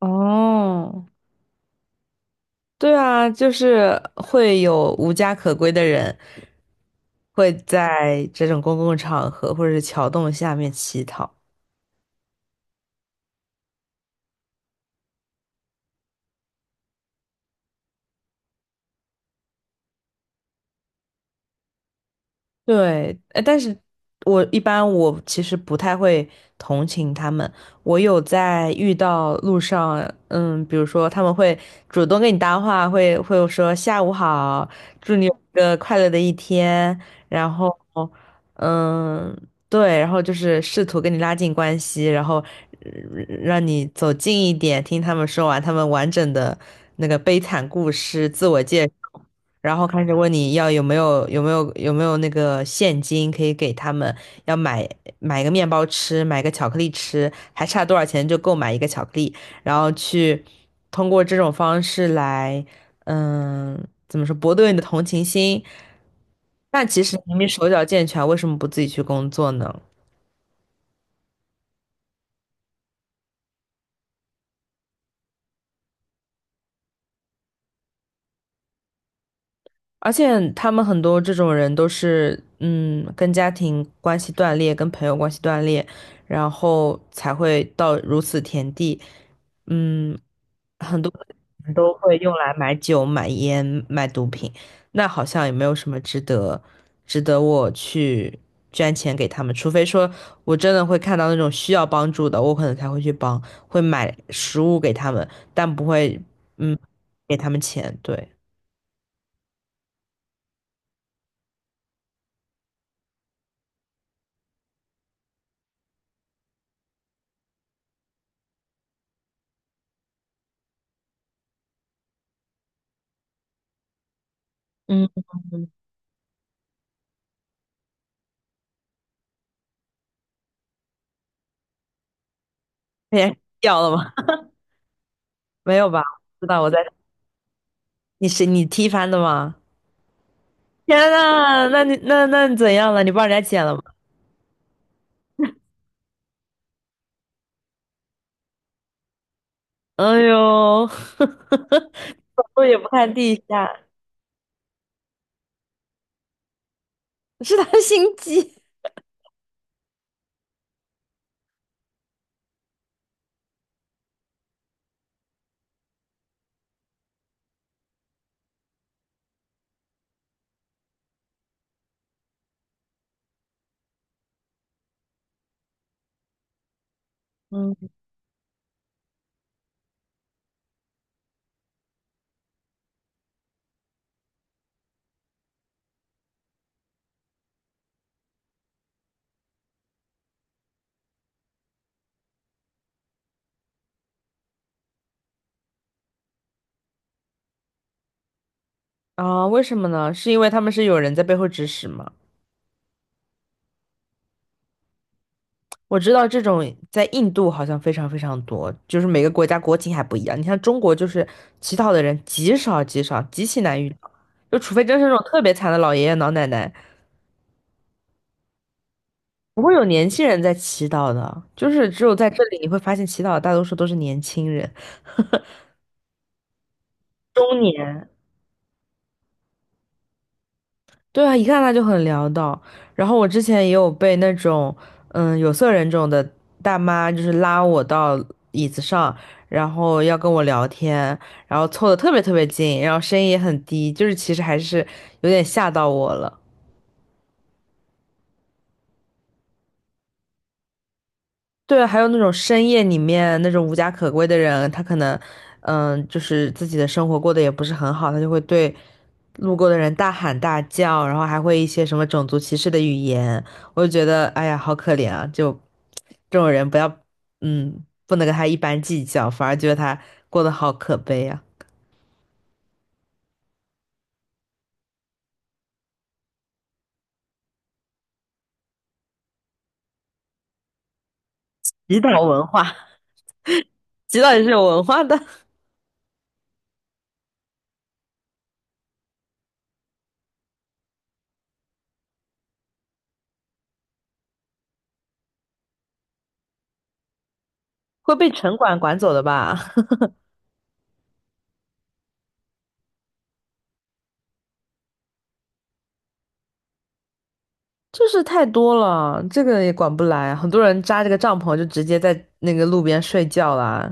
哦，对啊，就是会有无家可归的人会在这种公共场合或者是桥洞下面乞讨。对，但是我一般我其实不太会同情他们。我有在遇到路上，嗯，比如说他们会主动跟你搭话，会说下午好，祝你有一个快乐的一天，然后，嗯，对，然后就是试图跟你拉近关系，然后呃让你走近一点，听他们说完他们完整的那个悲惨故事，自我介绍。然后开始问你要有没有那个现金可以给他们，要买买个面包吃，买个巧克力吃，还差多少钱就购买一个巧克力，然后去通过这种方式来，嗯，怎么说，博得你的同情心。那其实明明手脚健全，为什么不自己去工作呢？而且他们很多这种人都是，嗯，跟家庭关系断裂，跟朋友关系断裂，然后才会到如此田地。嗯，很多人都会用来买酒、买烟、买毒品，那好像也没有什么值得我去捐钱给他们，除非说我真的会看到那种需要帮助的，我可能才会去帮，会买食物给他们，但不会，嗯，给他们钱。对，嗯，那也掉了吗？没有吧？知道我在，你是你踢翻的吗？天呐，那你怎样了？你帮人家捡了吗？哎呦，走路也不看地下，是他心机。嗯啊，为什么呢？是因为他们是有人在背后指使吗？我知道这种在印度好像非常非常多，就是每个国家国情还不一样。你像中国，就是乞讨的人极少极少，极其难遇到，就除非真是那种特别惨的老爷爷老奶奶，不会有年轻人在祈祷的，就是只有在这里你会发现祈祷的大多数都是年轻人、中年。对啊，一看他就很潦倒。然后我之前也有被那种嗯有色人种的大妈，就是拉我到椅子上，然后要跟我聊天，然后凑得特别特别近，然后声音也很低，就是其实还是有点吓到我了。对，还有那种深夜里面那种无家可归的人，他可能，嗯，就是自己的生活过得也不是很好，他就会对路过的人大喊大叫，然后还会一些什么种族歧视的语言，我就觉得，哎呀，好可怜啊！就这种人，不要，嗯，不能跟他一般计较，反而觉得他过得好可悲啊。极岛文化 极道也是有文化的，会被城管管走的吧？就是太多了，这个也管不来。很多人扎这个帐篷就直接在那个路边睡觉啦，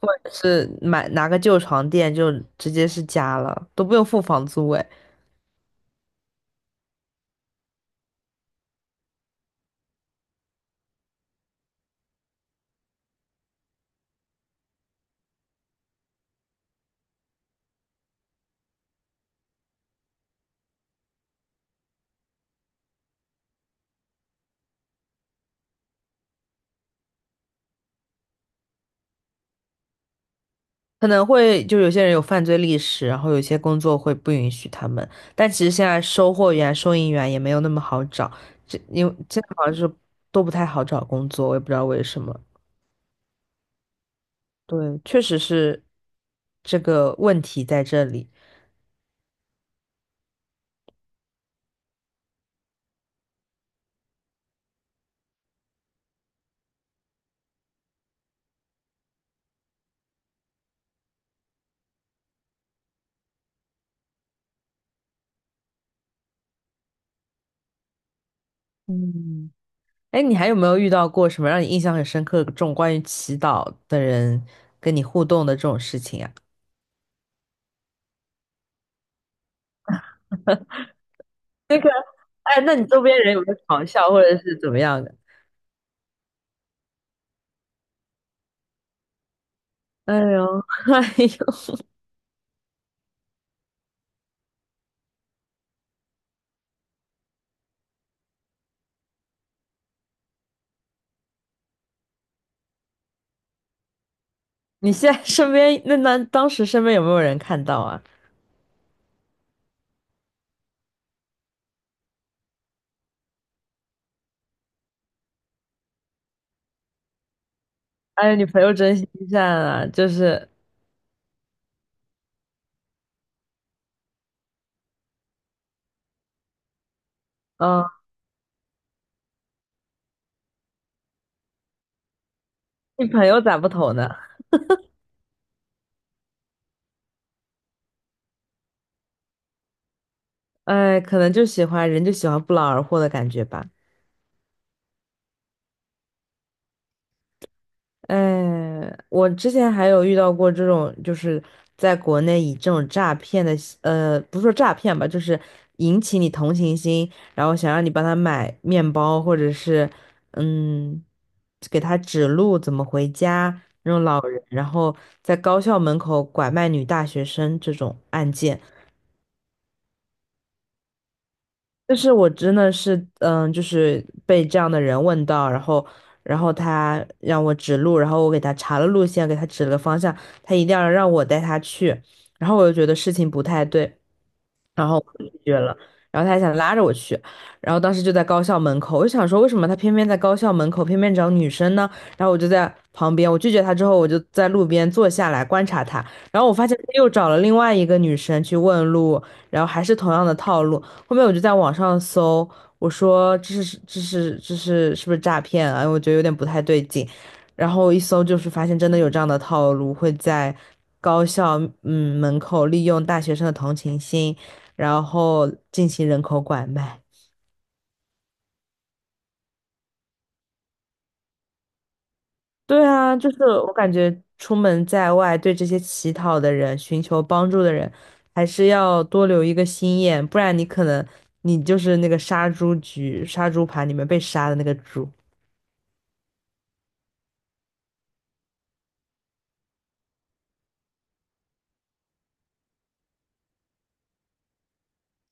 或者是买拿个旧床垫就直接是家了，都不用付房租诶。可能会就有些人有犯罪历史，然后有些工作会不允许他们。但其实现在收货员、收银员也没有那么好找，这因为现在好像是都不太好找工作，我也不知道为什么。对，确实是这个问题在这里。嗯。哎，你还有没有遇到过什么让你印象很深刻这种关于祈祷的人跟你互动的这种事情啊？哎，那你周边人有没有嘲笑或者是怎么样的？哎呦，哎呦，你现在身边那当时身边有没有人看到啊？哎，你朋友真心善啊，就是嗯，你朋友咋不投呢？哎，可能就喜欢人就喜欢不劳而获的感觉吧。哎，我之前还有遇到过这种，就是在国内以这种诈骗的，不是说诈骗吧，就是引起你同情心，然后想让你帮他买面包，或者是嗯，给他指路怎么回家那种老人，然后在高校门口拐卖女大学生这种案件，就是我真的是，嗯，就是被这样的人问到，然后，然后他让我指路，然后我给他查了路线，给他指了个方向，他一定要让我带他去，然后我就觉得事情不太对，然后我就拒绝了，然后他还想拉着我去，然后当时就在高校门口，我就想说为什么他偏偏在高校门口，偏偏找女生呢？然后我就在旁边，我拒绝他之后，我就在路边坐下来观察他，然后我发现他又找了另外一个女生去问路，然后还是同样的套路。后面我就在网上搜，我说这是是不是诈骗啊？我觉得有点不太对劲，然后一搜就是发现真的有这样的套路，会在高校嗯门口利用大学生的同情心。然后进行人口拐卖。对啊，就是我感觉出门在外，对这些乞讨的人、寻求帮助的人，还是要多留一个心眼，不然你可能你就是那个杀猪局、杀猪盘里面被杀的那个猪。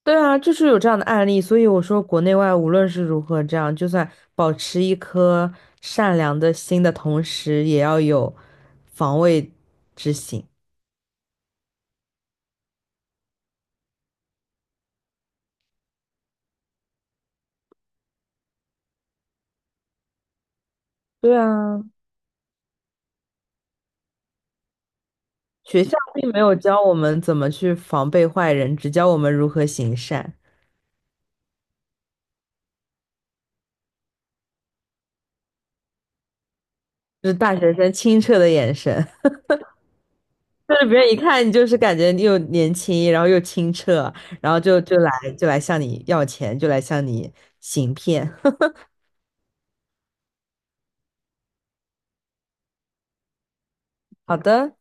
对啊，就是有这样的案例，所以我说国内外无论是如何这样，就算保持一颗善良的心的同时，也要有防卫之心。对啊，学校并没有教我们怎么去防备坏人，只教我们如何行善，就是大学生清澈的眼神，就是别人一看你就是感觉你又年轻，然后又清澈，然后就来就来向你要钱，就来向你行骗。好的。